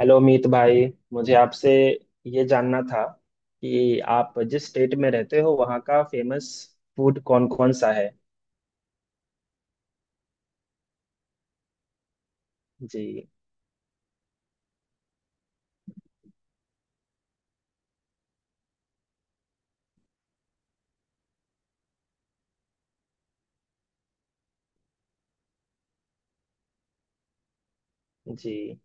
Hello Meet भाई। मुझे आपसे ये जानना था कि आप जिस स्टेट में रहते हो वहाँ का फेमस फूड कौन कौन सा है। जी जी,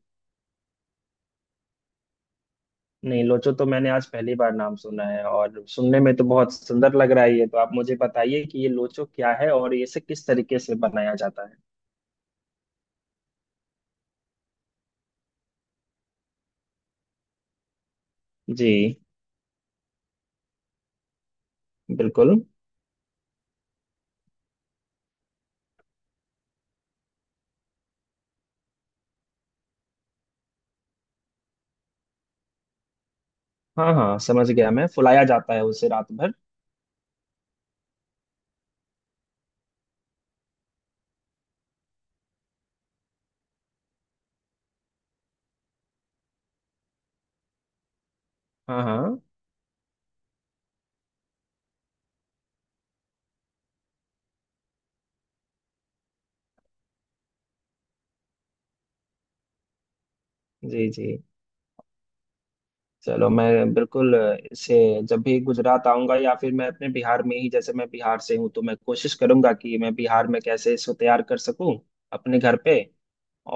नहीं, लोचो तो मैंने आज पहली बार नाम सुना है और सुनने में तो बहुत सुंदर लग रहा है। ये तो आप मुझे बताइए कि ये लोचो क्या है और इसे किस तरीके से बनाया जाता है। जी। बिल्कुल। हाँ हाँ, समझ गया मैं। फुलाया जाता है उसे रात भर। हाँ हाँ। जी जी। चलो, मैं बिल्कुल इसे, जब भी गुजरात आऊंगा या फिर मैं अपने बिहार में ही, जैसे मैं बिहार से हूँ, तो मैं कोशिश करूंगा कि मैं बिहार में कैसे इसको तैयार कर सकूं, अपने घर पे।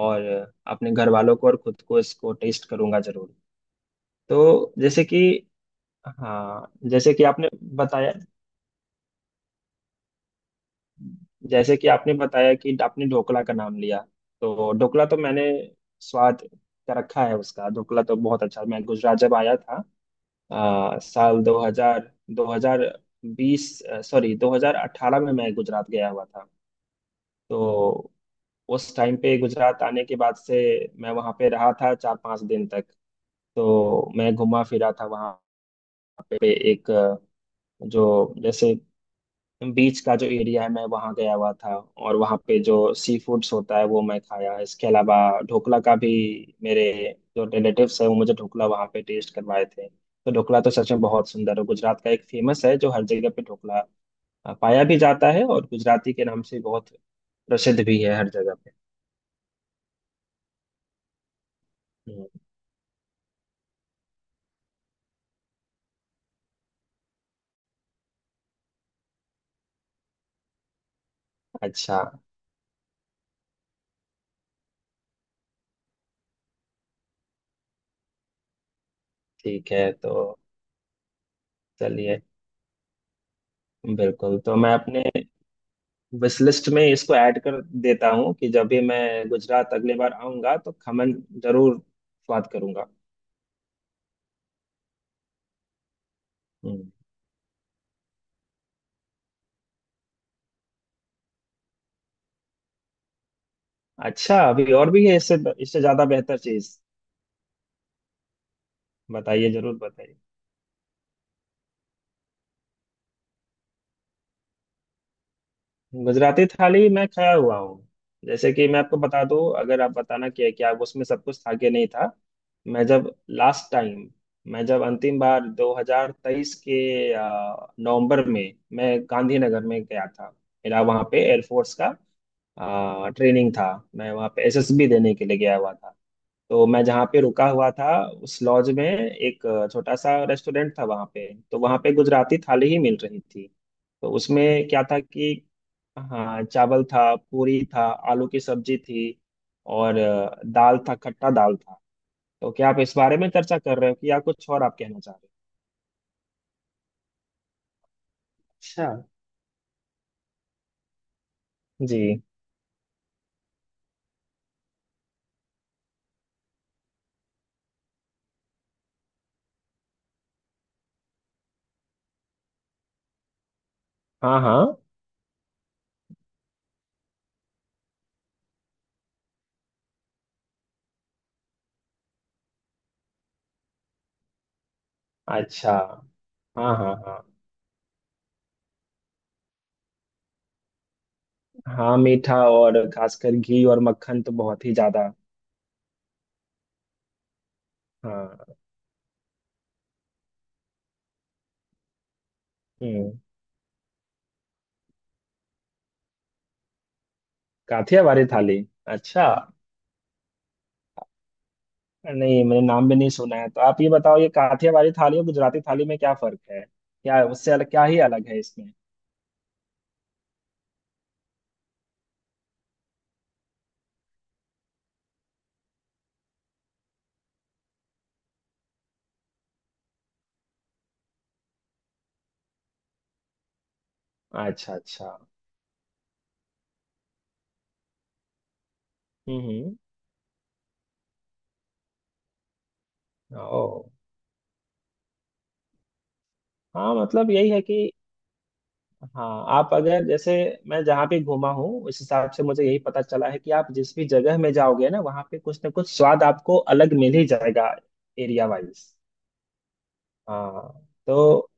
और अपने घर वालों को और खुद को इसको टेस्ट करूंगा जरूर। तो जैसे कि, हाँ, बताया जैसे कि आपने बताया कि आपने ढोकला का नाम लिया। तो ढोकला तो मैंने स्वाद का रखा है उसका। ढोकला तो बहुत अच्छा। मैं गुजरात जब आया था साल 2000, 2020, सॉरी, 2018 में मैं गुजरात गया हुआ था। तो उस टाइम पे गुजरात आने के बाद से मैं वहाँ पे रहा था 4-5 दिन तक। तो मैं घुमा फिरा था वहाँ पे। एक जो जैसे बीच का जो एरिया है, मैं वहाँ गया हुआ था और वहाँ पे जो सी फूड्स होता है वो मैं खाया। इसके अलावा ढोकला का भी, मेरे जो रिलेटिव्स है वो मुझे ढोकला वहाँ पे टेस्ट करवाए थे। तो ढोकला तो सच में बहुत सुंदर है। गुजरात का एक फेमस है जो हर जगह पे ढोकला पाया भी जाता है और गुजराती के नाम से बहुत प्रसिद्ध भी है हर जगह पे। हम्म। अच्छा। ठीक है। तो चलिए, बिल्कुल, तो मैं अपने विश लिस्ट में इसको ऐड कर देता हूँ कि जब भी मैं गुजरात अगली बार आऊंगा तो खमन जरूर स्वाद करूंगा। हम्म। अच्छा, अभी और भी है इससे? इससे ज्यादा बेहतर चीज बताइए, जरूर बताइए। गुजराती थाली मैं खाया हुआ हूँ। जैसे कि मैं आपको बता दूं, अगर आप बताना कि है कि आप उसमें सब कुछ था कि नहीं था। मैं जब लास्ट टाइम मैं जब अंतिम बार 2023 के नवंबर में मैं गांधीनगर में गया था। मेरा वहाँ पे एयरफोर्स का ट्रेनिंग था। मैं वहाँ पे एसएसबी देने के लिए गया हुआ था। तो मैं जहाँ पे रुका हुआ था, उस लॉज में एक छोटा सा रेस्टोरेंट था वहाँ पे। तो वहाँ पे गुजराती थाली ही मिल रही थी। तो उसमें क्या था कि, हाँ, चावल था, पूरी था, आलू की सब्जी थी, और दाल था, खट्टा दाल था। तो क्या आप इस बारे में चर्चा कर रहे हो, कि या कुछ और आप कहना चाह रहे हो? अच्छा। जी। हाँ हाँ। अच्छा। हाँ हाँ हाँ। हाँ, मीठा और खासकर घी और मक्खन तो बहुत ही ज्यादा। हाँ। हम्म। काठियावाड़ी थाली। अच्छा, नहीं, मैंने नाम भी नहीं सुना है। तो आप ये बताओ, ये काठियावाड़ी थाली और गुजराती थाली में क्या फर्क है? क्या उससे अलग, क्या ही अलग है इसमें? अच्छा अच्छा। हम्म। ओ। हाँ, मतलब यही है कि, हाँ, आप अगर, जैसे मैं जहाँ पे घूमा हूँ उस हिसाब से मुझे यही पता चला है कि आप जिस भी जगह में जाओगे ना वहाँ पे कुछ ना कुछ स्वाद आपको अलग मिल ही जाएगा। Area wise. हाँ तो,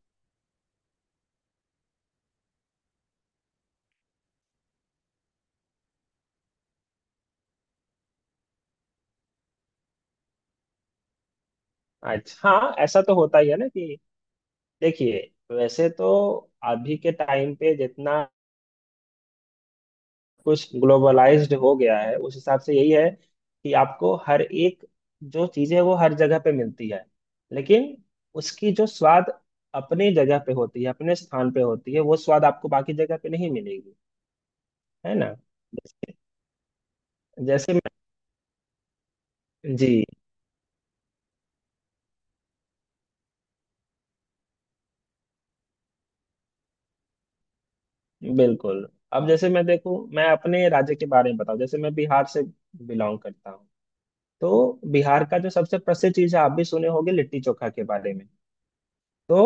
अच्छा, हाँ, ऐसा तो होता ही है ना कि, देखिए, वैसे तो अभी के टाइम पे जितना कुछ ग्लोबलाइज्ड हो गया है उस हिसाब से यही है कि आपको हर एक जो चीज़ है वो हर जगह पे मिलती है। लेकिन उसकी जो स्वाद अपनी जगह पे होती है, अपने स्थान पे होती है, वो स्वाद आपको बाकी जगह पे नहीं मिलेगी। है ना? जैसे मैं, जी, बिल्कुल, अब जैसे मैं देखूं, मैं अपने राज्य के बारे में बताऊं, जैसे मैं बिहार से बिलोंग करता हूँ। तो बिहार का जो सबसे प्रसिद्ध चीज है, आप भी सुने होंगे, लिट्टी चोखा के बारे में। तो,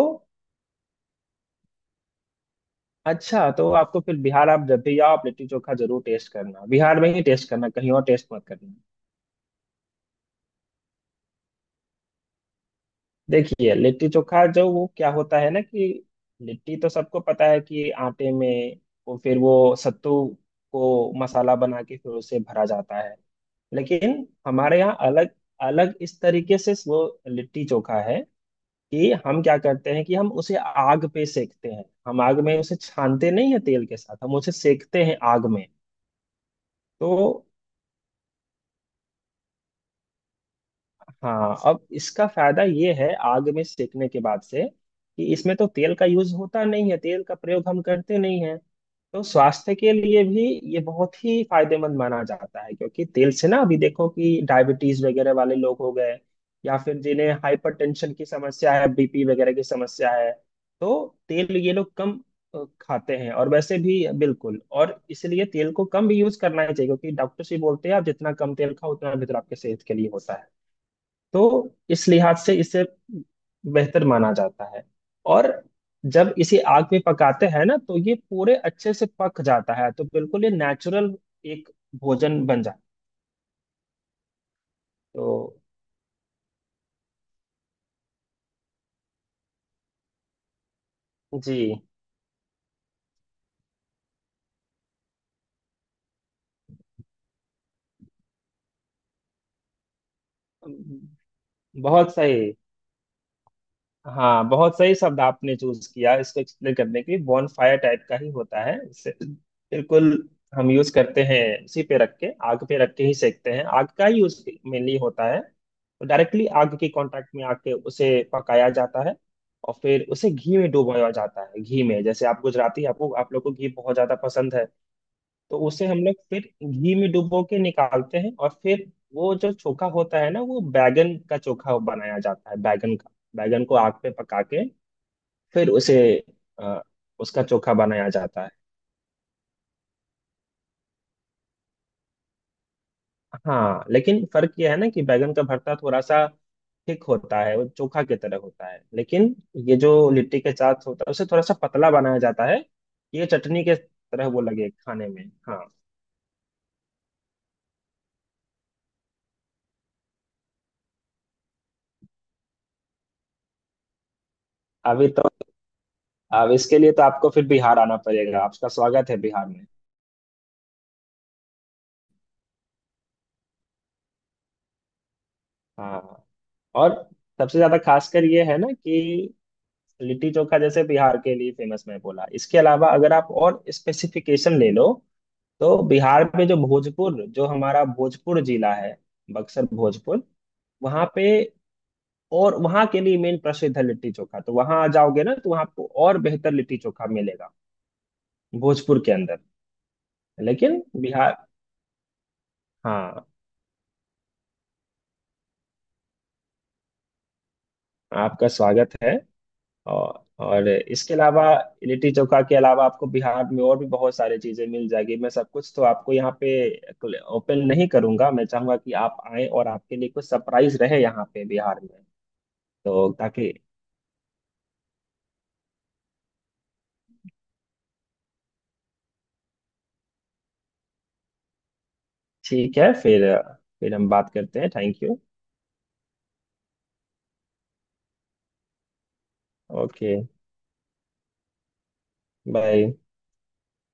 अच्छा, तो आपको फिर बिहार, आप जब भी आओ, आप लिट्टी चोखा जरूर टेस्ट करना। बिहार में ही टेस्ट करना, कहीं और टेस्ट मत करना। देखिए, लिट्टी चोखा जो, वो क्या होता है ना कि, लिट्टी तो सबको पता है कि आटे में वो, फिर वो सत्तू को मसाला बना के फिर उसे भरा जाता है। लेकिन हमारे यहाँ अलग अलग इस तरीके से वो लिट्टी चोखा है कि हम क्या करते हैं कि हम उसे आग पे सेकते हैं। हम आग में उसे छानते नहीं है तेल के साथ, हम उसे सेकते हैं आग में। तो, हाँ, अब इसका फायदा ये है आग में सेकने के बाद से कि इसमें तो तेल का यूज होता नहीं है, तेल का प्रयोग हम करते नहीं है। तो स्वास्थ्य के लिए भी ये बहुत ही फायदेमंद माना जाता है क्योंकि तेल से ना, अभी देखो कि डायबिटीज वगैरह वाले लोग हो गए या फिर जिन्हें हाइपरटेंशन की समस्या है, बीपी वगैरह की समस्या है, तो तेल ये लोग कम खाते हैं। और वैसे भी बिल्कुल, और इसलिए तेल को कम भी यूज करना ही चाहिए क्योंकि डॉक्टर से बोलते हैं, आप जितना कम तेल खाओ उतना बेहतर आपके सेहत के लिए होता है। तो इस लिहाज से इसे बेहतर माना जाता है। और जब इसे आग में पकाते हैं ना तो ये पूरे अच्छे से पक जाता है, तो बिल्कुल ये नेचुरल एक भोजन बन जाता है। तो, जी, बहुत सही। हाँ, बहुत सही शब्द आपने चूज किया इसको एक्सप्लेन करने के लिए। बॉन फायर टाइप का ही होता है इसे, बिल्कुल हम यूज करते हैं। उसी पे रख के, आग पे रख के ही सेकते हैं। आग का ही यूज मेनली होता है, तो डायरेक्टली आग के कांटेक्ट में आके उसे पकाया जाता है। और फिर उसे घी में डुबोया जाता है। घी में, जैसे आप गुजराती हैं, आपको आप लोग को घी बहुत ज्यादा पसंद है, तो उसे हम लोग फिर घी में डुबो के निकालते हैं। और फिर वो जो चोखा होता है ना, वो बैगन का चोखा बनाया जाता है। बैगन का, बैगन को आग पे पका के, फिर अ, उसका चोखा बनाया जाता है। हाँ, लेकिन फर्क यह है ना कि बैगन का भरता थोड़ा सा थिक होता है, वो चोखा की तरह होता है। लेकिन ये जो लिट्टी के साथ होता है, उसे थोड़ा सा पतला बनाया जाता है, ये चटनी के तरह वो लगे खाने में। हाँ। अभी तो, अब इसके लिए तो आपको फिर बिहार आना पड़ेगा। आपका स्वागत है बिहार में। हाँ। और सबसे ज्यादा खासकर ये है ना कि लिट्टी चोखा जैसे बिहार के लिए फेमस मैं बोला, इसके अलावा अगर आप और स्पेसिफिकेशन ले लो, तो बिहार में जो भोजपुर, जो हमारा भोजपुर जिला है, बक्सर, भोजपुर, वहाँ पे, और वहाँ के लिए मेन प्रसिद्ध है लिट्टी चोखा। तो वहाँ आ जाओगे ना तो वहाँ आपको और बेहतर लिट्टी चोखा मिलेगा, भोजपुर के अंदर। लेकिन बिहार, हाँ, आपका स्वागत है। और इसके अलावा, लिट्टी चोखा के अलावा आपको बिहार में और भी बहुत सारी चीजें मिल जाएगी। मैं सब कुछ तो आपको यहाँ पे ओपन नहीं करूंगा। मैं चाहूंगा कि आप आए और आपके लिए कुछ सरप्राइज रहे यहाँ पे बिहार में। तो, ताकि, ठीक है। फिर हम बात करते हैं। Thank you. ओके। बाय।